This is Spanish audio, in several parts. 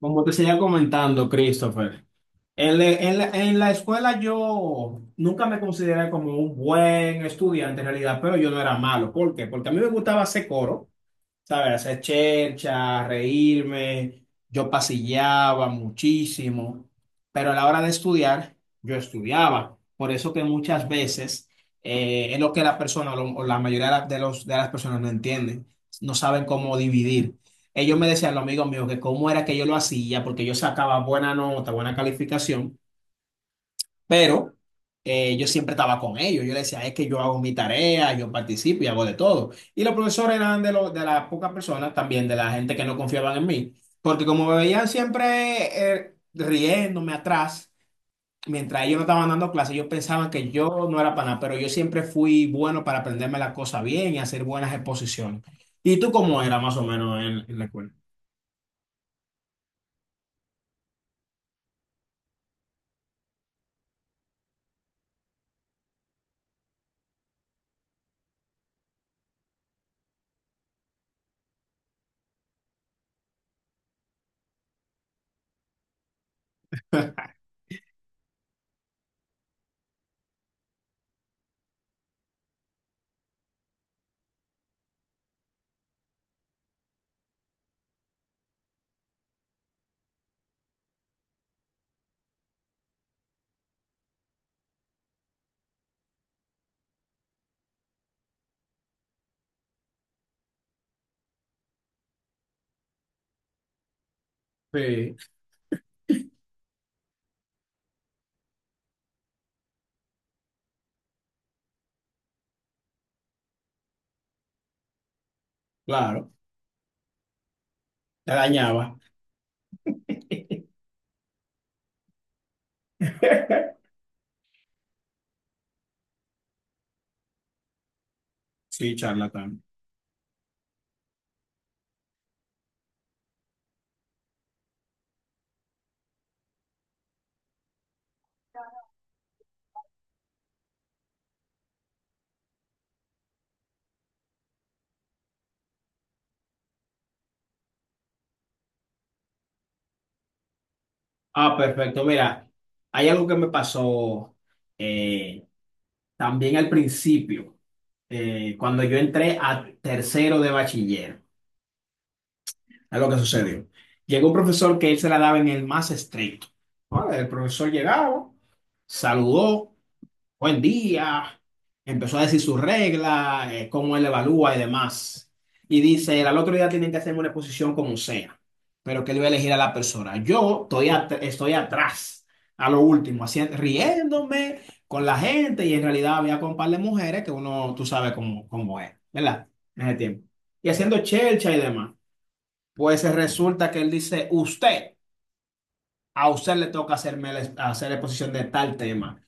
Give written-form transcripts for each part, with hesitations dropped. Como te seguía comentando, Christopher, en la escuela yo nunca me consideré como un buen estudiante en realidad, pero yo no era malo. ¿Por qué? Porque a mí me gustaba hacer coro. ¿Sabes? Hacer chercha, reírme. Yo pasillaba muchísimo, pero a la hora de estudiar, yo estudiaba. Por eso que muchas veces es lo que la persona o la mayoría de de las personas no entienden, no saben cómo dividir. Ellos me decían, los amigos míos, que cómo era que yo lo hacía, porque yo sacaba buena nota, buena calificación, pero yo siempre estaba con ellos. Yo les decía, es que yo hago mi tarea, yo participo y hago de todo. Y los profesores eran de, los de las pocas personas también, de la gente que no confiaban en mí. Porque como me veían siempre riéndome atrás, mientras ellos no estaban dando clases, ellos pensaban que yo no era para nada. Pero yo siempre fui bueno para aprenderme las cosas bien y hacer buenas exposiciones. ¿Y tú cómo era más o menos en la escuela? Sí, claro, te dañaba. Sí, charlatán. Ah, perfecto. Mira, hay algo que me pasó, eh, también al principio, cuando yo entré a tercero de bachiller. Es lo que sucedió. Llegó un profesor que él se la daba en el más estricto. ¿No? El profesor llegaba, saludó buen día, empezó a decir sus reglas, cómo él evalúa y demás. Y dice, al otro día tienen que hacerme una exposición como sea, pero que él va a elegir a la persona. Yo estoy atrás, a lo último, haciendo, riéndome con la gente y en realidad había con un par de mujeres que uno, tú sabes cómo, cómo es, ¿verdad? En ese tiempo. Y haciendo chelcha y demás. Pues resulta que él dice, usted, a usted le toca hacer exposición de tal tema.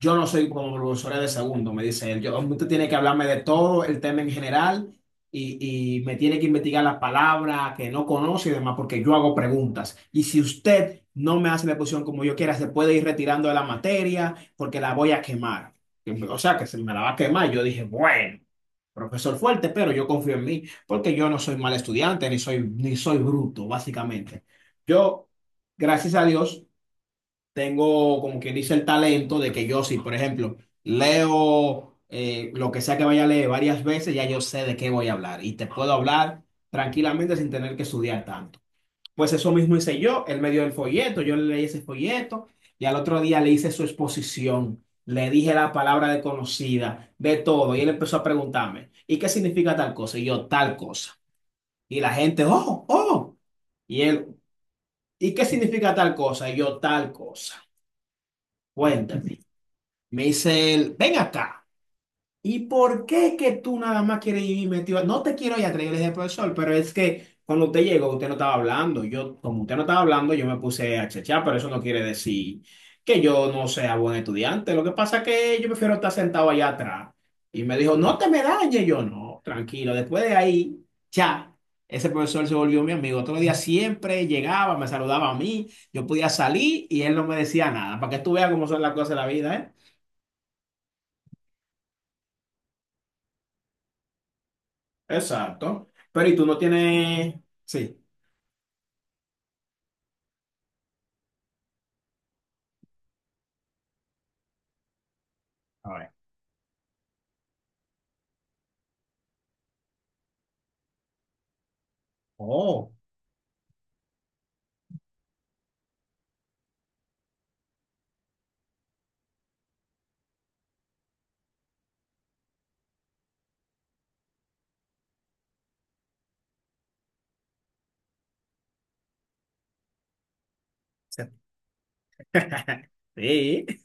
Yo no soy como profesora de segundo, me dice él. Yo, usted tiene que hablarme de todo el tema en general y me tiene que investigar las palabras que no conoce y demás, porque yo hago preguntas. Y si usted no me hace la exposición como yo quiera, se puede ir retirando de la materia porque la voy a quemar. O sea, que se me la va a quemar. Yo dije, bueno, profesor fuerte, pero yo confío en mí porque yo no soy mal estudiante ni soy, ni soy bruto, básicamente. Yo, gracias a Dios tengo, como quien dice, el talento de que yo, si por ejemplo leo lo que sea que vaya a leer varias veces, ya yo sé de qué voy a hablar y te puedo hablar tranquilamente sin tener que estudiar tanto. Pues eso mismo hice yo, él me dio el folleto, yo le leí ese folleto y al otro día le hice su exposición. Le dije la palabra desconocida, de todo, y él empezó a preguntarme, ¿y qué significa tal cosa? Y yo, tal cosa. Y la gente, oh, oh. Y él, ¿y qué significa tal cosa? Y yo, tal cosa. Cuéntame. Me dice él, ven acá. ¿Y por qué que tú nada más quieres ir metido? No te quiero ir atrás, yo le dije, profesor, pero es que cuando usted llegó, usted no estaba hablando. Yo, como usted no estaba hablando, yo me puse a chechar, pero eso no quiere decir que yo no sea buen estudiante. Lo que pasa es que yo prefiero estar sentado allá atrás. Y me dijo, no te me dañes. Yo, no, tranquilo. Después de ahí, ya. Ese profesor se volvió mi amigo. Otro día siempre llegaba, me saludaba a mí, yo podía salir y él no me decía nada. Para que tú veas cómo son las cosas de la vida, ¿eh? Exacto. Pero ¿y tú no tienes... Sí. A ver. Oh, sí.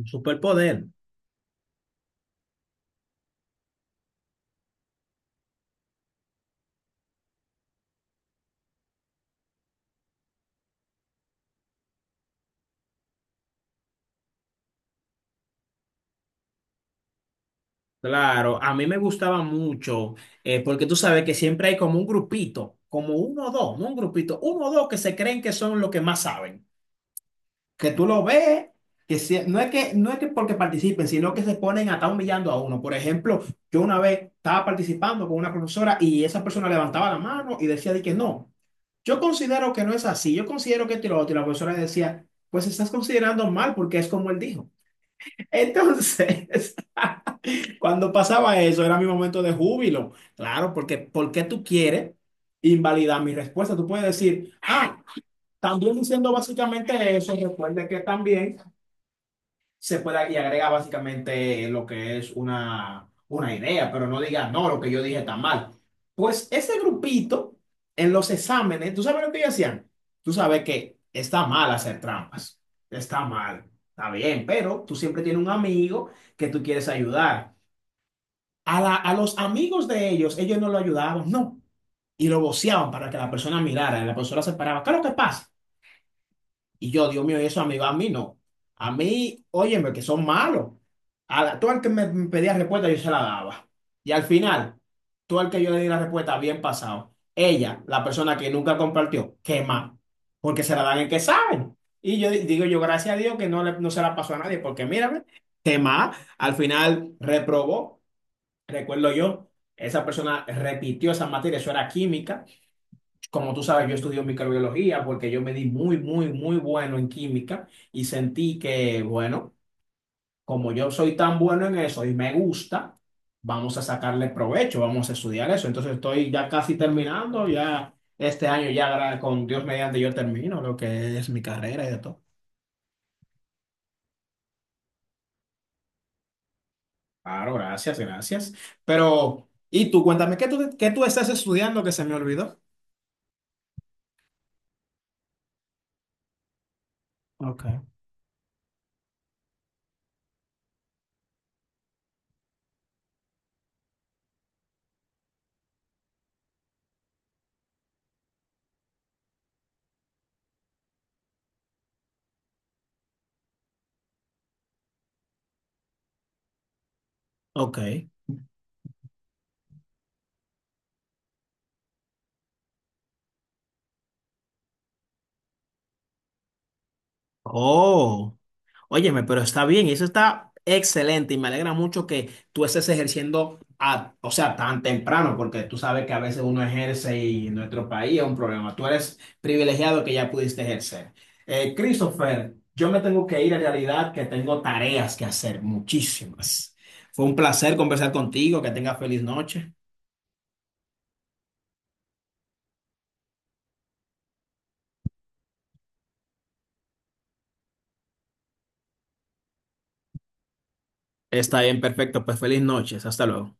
Un superpoder. Claro, a mí me gustaba mucho, porque tú sabes que siempre hay como un grupito, como uno o dos, no un grupito, uno o dos que se creen que son los que más saben. Que tú lo ves, no es que, no es que porque participen, sino que se ponen a estar humillando a uno. Por ejemplo, yo una vez estaba participando con una profesora y esa persona levantaba la mano y decía de que no. Yo considero que no es así, yo considero que esto y lo otro. Y la profesora le decía, pues estás considerando mal porque es como él dijo. Entonces, cuando pasaba eso, era mi momento de júbilo. Claro, porque ¿por qué tú quieres invalidar mi respuesta? Tú puedes decir, ah, también diciendo básicamente eso, recuerda que también se pueda y agrega básicamente lo que es una idea, pero no diga, no, lo que yo dije está mal. Pues ese grupito en los exámenes, ¿tú sabes lo que ellos hacían? Tú sabes que está mal hacer trampas, está mal, está bien, pero tú siempre tienes un amigo que tú quieres ayudar. A los amigos de ellos, ellos no lo ayudaban, no. Y lo voceaban para que la persona mirara, y la persona se paraba. ¿Qué es lo que pasa? Y yo, Dios mío, ¿y eso a mí va? A mí no. A mí, óyeme, que son malos. Tú al que me pedía respuesta, yo se la daba. Y al final, tú al que yo le di la respuesta, bien pasado. Ella, la persona que nunca compartió, qué mal. Porque se la dan en que saben. Y yo digo, yo gracias a Dios que no, no se la pasó a nadie, porque mírame, qué mal. Al final reprobó, recuerdo yo, esa persona repitió esa materia, eso era química. Como tú sabes, yo estudio microbiología porque yo me di muy, muy, muy bueno en química y sentí que, bueno, como yo soy tan bueno en eso y me gusta, vamos a sacarle provecho, vamos a estudiar eso. Entonces estoy ya casi terminando, ya este año ya con Dios mediante yo termino lo que es mi carrera y de todo. Claro, gracias, gracias. Pero, y tú, cuéntame, qué tú estás estudiando que se me olvidó? Ok. Ok. Oh. Óyeme, pero está bien, y eso está excelente y me alegra mucho que tú estés ejerciendo, a, o sea, tan temprano, porque tú sabes que a veces uno ejerce y en nuestro país es un problema. Tú eres privilegiado que ya pudiste ejercer. Christopher, yo me tengo que ir en realidad, que tengo tareas que hacer, muchísimas. Fue un placer conversar contigo, que tengas feliz noche. Está bien, perfecto, pues feliz noches, hasta luego.